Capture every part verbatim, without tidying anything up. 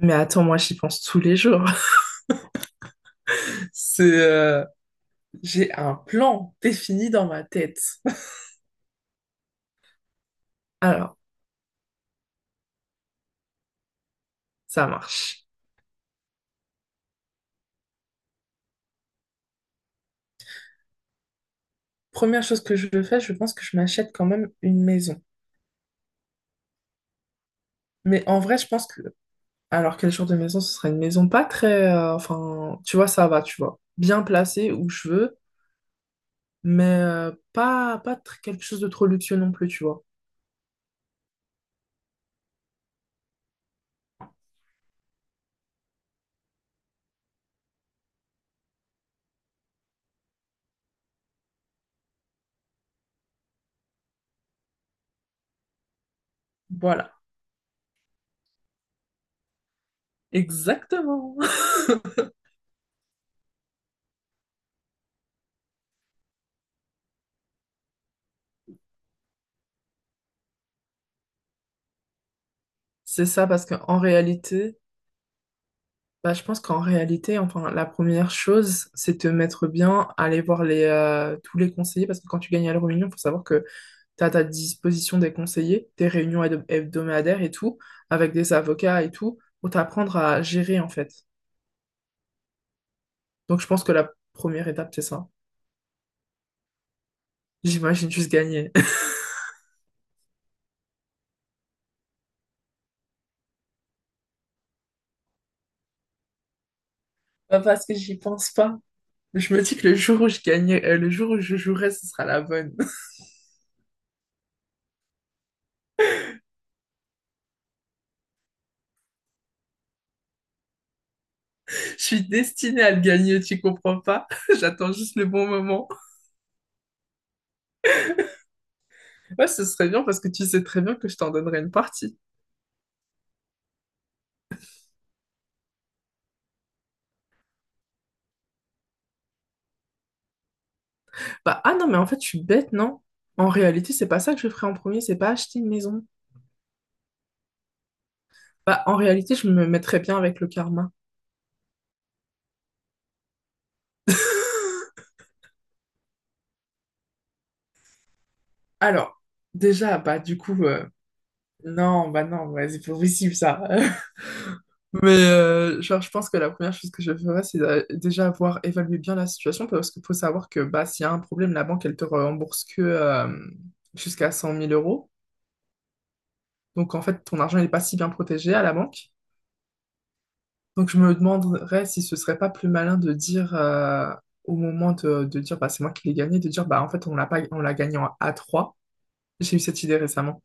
Mais attends, moi j'y pense tous les jours. C'est, euh, j'ai un plan défini dans ma tête. Alors, ça marche. Première chose que je fais, je pense que je m'achète quand même une maison. Mais en vrai, je pense que, alors quel genre de maison? Ce serait une maison pas très, euh, enfin, tu vois, ça va, tu vois, bien placée où je veux, mais euh, pas, pas tr- quelque chose de trop luxueux non plus, tu vois. Voilà, exactement. C'est ça parce qu'en réalité. Bah, je pense qu'en réalité, enfin, la première chose, c'est te mettre bien, aller voir les, euh, tous les conseillers, parce que quand tu gagnes à l'euro-million, il faut savoir que tu as à ta disposition des conseillers, des réunions hebdo- hebdomadaires et tout, avec des avocats et tout, pour t'apprendre à gérer, en fait. Donc, je pense que la première étape, c'est ça. J'imagine juste gagner. Pas parce que j'y pense pas. Je me dis que le jour où je gagnais, euh, le jour où je jouerai, ce sera la bonne. Je suis destinée à le gagner, tu comprends pas? J'attends juste le bon moment. Ouais, ce serait bien parce que tu sais très bien que je t'en donnerais une partie. Bah, ah non, mais en fait, je suis bête, non? En réalité, c'est pas ça que je ferais en premier, c'est pas acheter une maison. Bah, en réalité, je me mettrais bien avec le karma. Alors, déjà, bah, du coup, euh, non, bah, non, ouais, c'est pas possible ça. Mais, euh, genre, je pense que la première chose que je ferais, c'est euh, déjà avoir évalué bien la situation parce qu'il faut savoir que, bah, s'il y a un problème, la banque, elle te rembourse que euh, jusqu'à cent mille euros. Donc, en fait, ton argent n'est pas si bien protégé à la banque. Donc je me demanderais si ce serait pas plus malin de dire euh, au moment de, de dire bah, c'est moi qui l'ai gagné, de dire bah en fait on l'a pas on l'a gagné en a trois. J'ai eu cette idée récemment.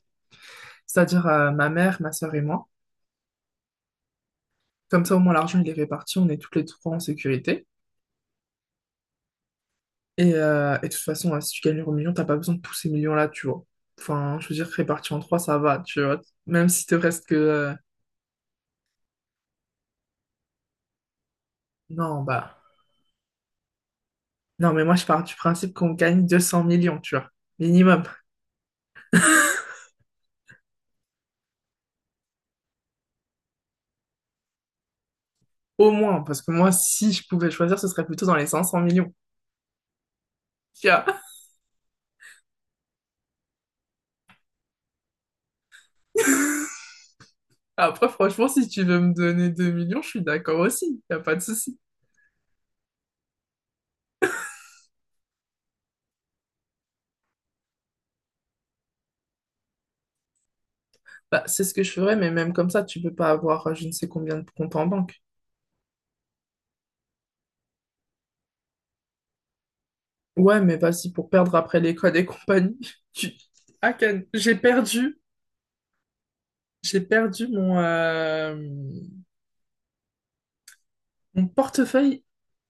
C'est-à-dire euh, ma mère, ma sœur et moi. Comme ça au moins l'argent il est réparti, on est toutes les trois en sécurité. Et, euh, et de toute façon, hein, si tu gagnes l'euro million, t'as pas besoin de tous ces millions-là, tu vois. Enfin, je veux dire, réparti en trois, ça va, tu vois. Même si te reste que... euh, Non, bah... Non, mais moi, je pars du principe qu'on gagne deux cents millions, tu vois. Minimum. Au moins, parce que moi, si je pouvais choisir, ce serait plutôt dans les cinq cents millions. Tu vois. Après, franchement, si tu veux me donner deux millions, je suis d'accord aussi. Y a pas de souci. Bah, c'est ce que je ferais, mais même comme ça, tu peux pas avoir euh, je ne sais combien de comptes en banque. Ouais, mais vas-y, pour perdre après l'école et compagnie. Tu... Ah, Ken, j'ai perdu, j'ai perdu mon, euh, mon portefeuille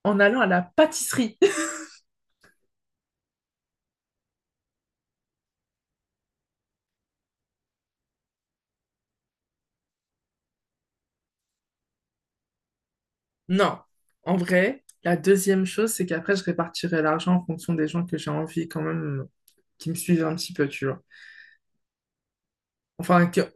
en allant à la pâtisserie. Non, en vrai, la deuxième chose, c'est qu'après, je répartirai l'argent en fonction des gens que j'ai envie quand même qui me suivent un petit peu, tu vois. Enfin, que-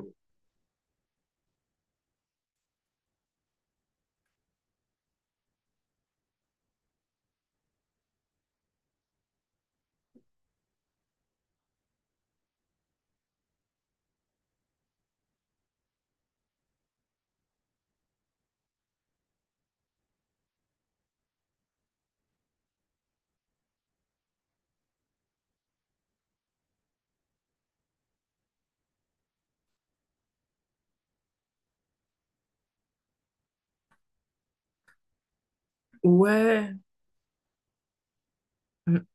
ouais, m-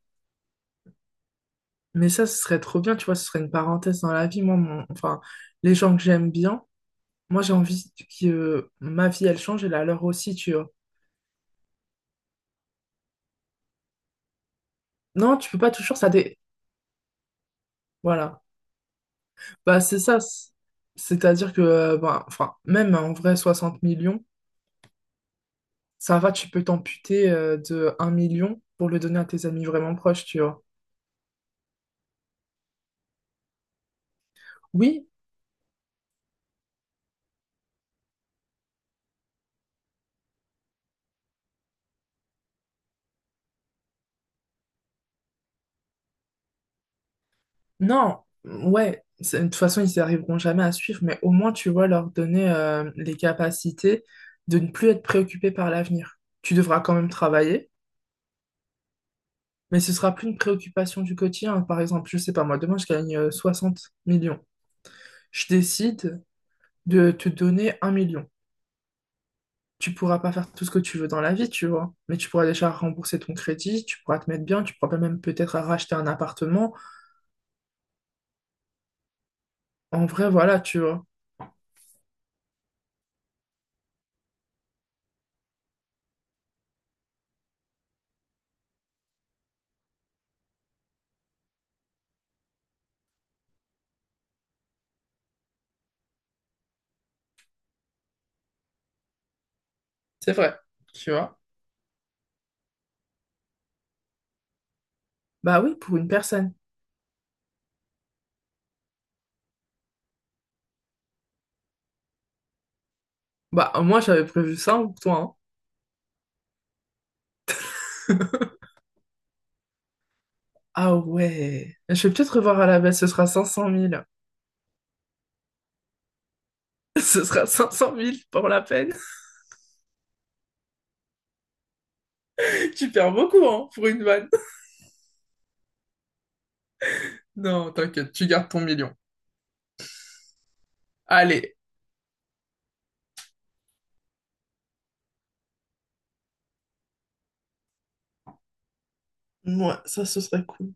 mais ça, ce serait trop bien, tu vois, ce serait une parenthèse dans la vie. Moi, mon- enfin, les gens que j'aime bien, moi, j'ai envie que euh, ma vie, elle change et la leur aussi, tu vois. Non, tu peux pas toujours, ça dé... Voilà. Bah, c'est ça. c- C'est-à-dire que, euh, bah, enfin, même en vrai, soixante millions, ça va, tu peux t'amputer euh, de un million pour le donner à tes amis vraiment proches, tu vois. Oui, non, mm, ouais, c'est- de toute façon, ils n'y arriveront jamais à suivre, mais au moins, tu vois, leur donner euh, les capacités de ne plus être préoccupé par l'avenir. Tu devras quand même travailler, mais ce sera plus une préoccupation du quotidien. Par exemple, je sais pas, moi, demain, je gagne euh, soixante millions. Je décide de te donner un million. Tu pourras pas faire tout ce que tu veux dans la vie, tu vois, mais tu pourras déjà rembourser ton crédit, tu pourras te mettre bien, tu pourras même peut-être racheter un appartement. En vrai, voilà, tu vois. C'est vrai, tu vois. Bah oui, pour une personne. Bah, moi, j'avais prévu ça hein, pour toi, hein. Ah ouais. Je vais peut-être revoir à la baisse, ce sera cinq cent mille. Ce sera cinq cent mille pour la peine. Tu perds beaucoup, hein, pour une vanne. Non, t'inquiète, tu gardes ton million. Allez. Moi, ça, ce serait cool.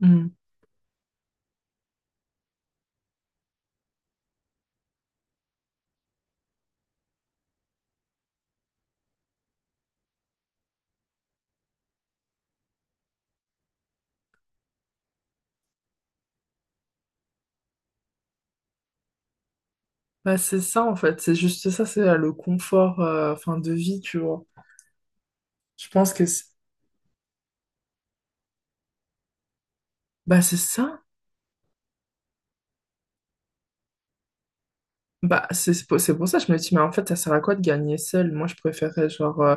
Hmm. Bah, c'est ça, en fait. C'est juste ça, c'est euh, le confort, euh, enfin, de vie, tu vois. Je pense que c'est... Bah, c'est ça. Bah, c'est c'est pour, c'est pour ça que je me dis, mais en fait, ça sert à quoi de gagner seul? Moi, je préférais, genre, euh,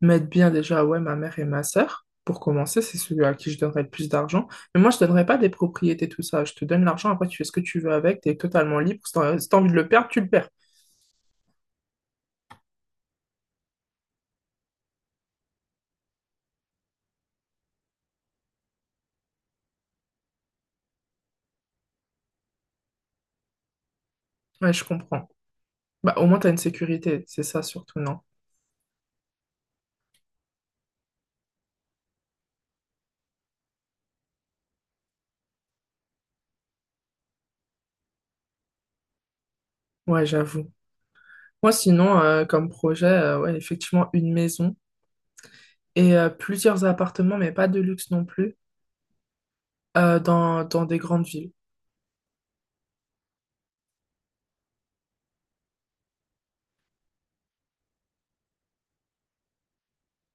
mettre bien déjà, ouais, ma mère et ma sœur. Pour commencer, c'est celui à qui je donnerais le plus d'argent. Mais moi, je donnerais pas des propriétés, tout ça. Je te donne l'argent, après, tu fais ce que tu veux avec, t'es totalement libre. Si t'as, si t'as envie de le perdre, tu le perds. Ouais, je comprends. Bah, au moins, t'as une sécurité, c'est ça surtout, non? Ouais, j'avoue. Moi, sinon, euh, comme projet, euh, ouais, effectivement, une maison et euh, plusieurs appartements, mais pas de luxe non plus, euh, dans, dans des grandes villes.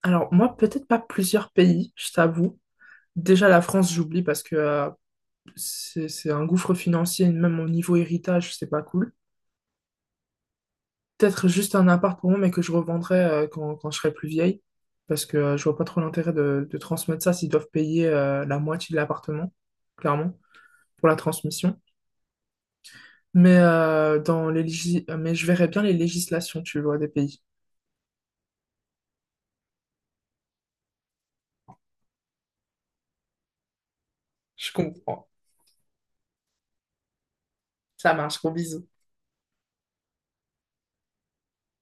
Alors, moi, peut-être pas plusieurs pays, je t'avoue. Déjà, la France, j'oublie parce que euh, c'est, c'est un gouffre financier, et même au niveau héritage, c'est pas cool. Peut-être juste un appartement, mais que je revendrai euh, quand, quand je serai plus vieille, parce que euh, je vois pas trop l'intérêt de, de transmettre ça s'ils doivent payer euh, la moitié de l'appartement, clairement, pour la transmission. Mais, euh, dans les légis- mais je verrais bien les législations, tu vois, des pays. Je comprends. Ça marche, gros bisous.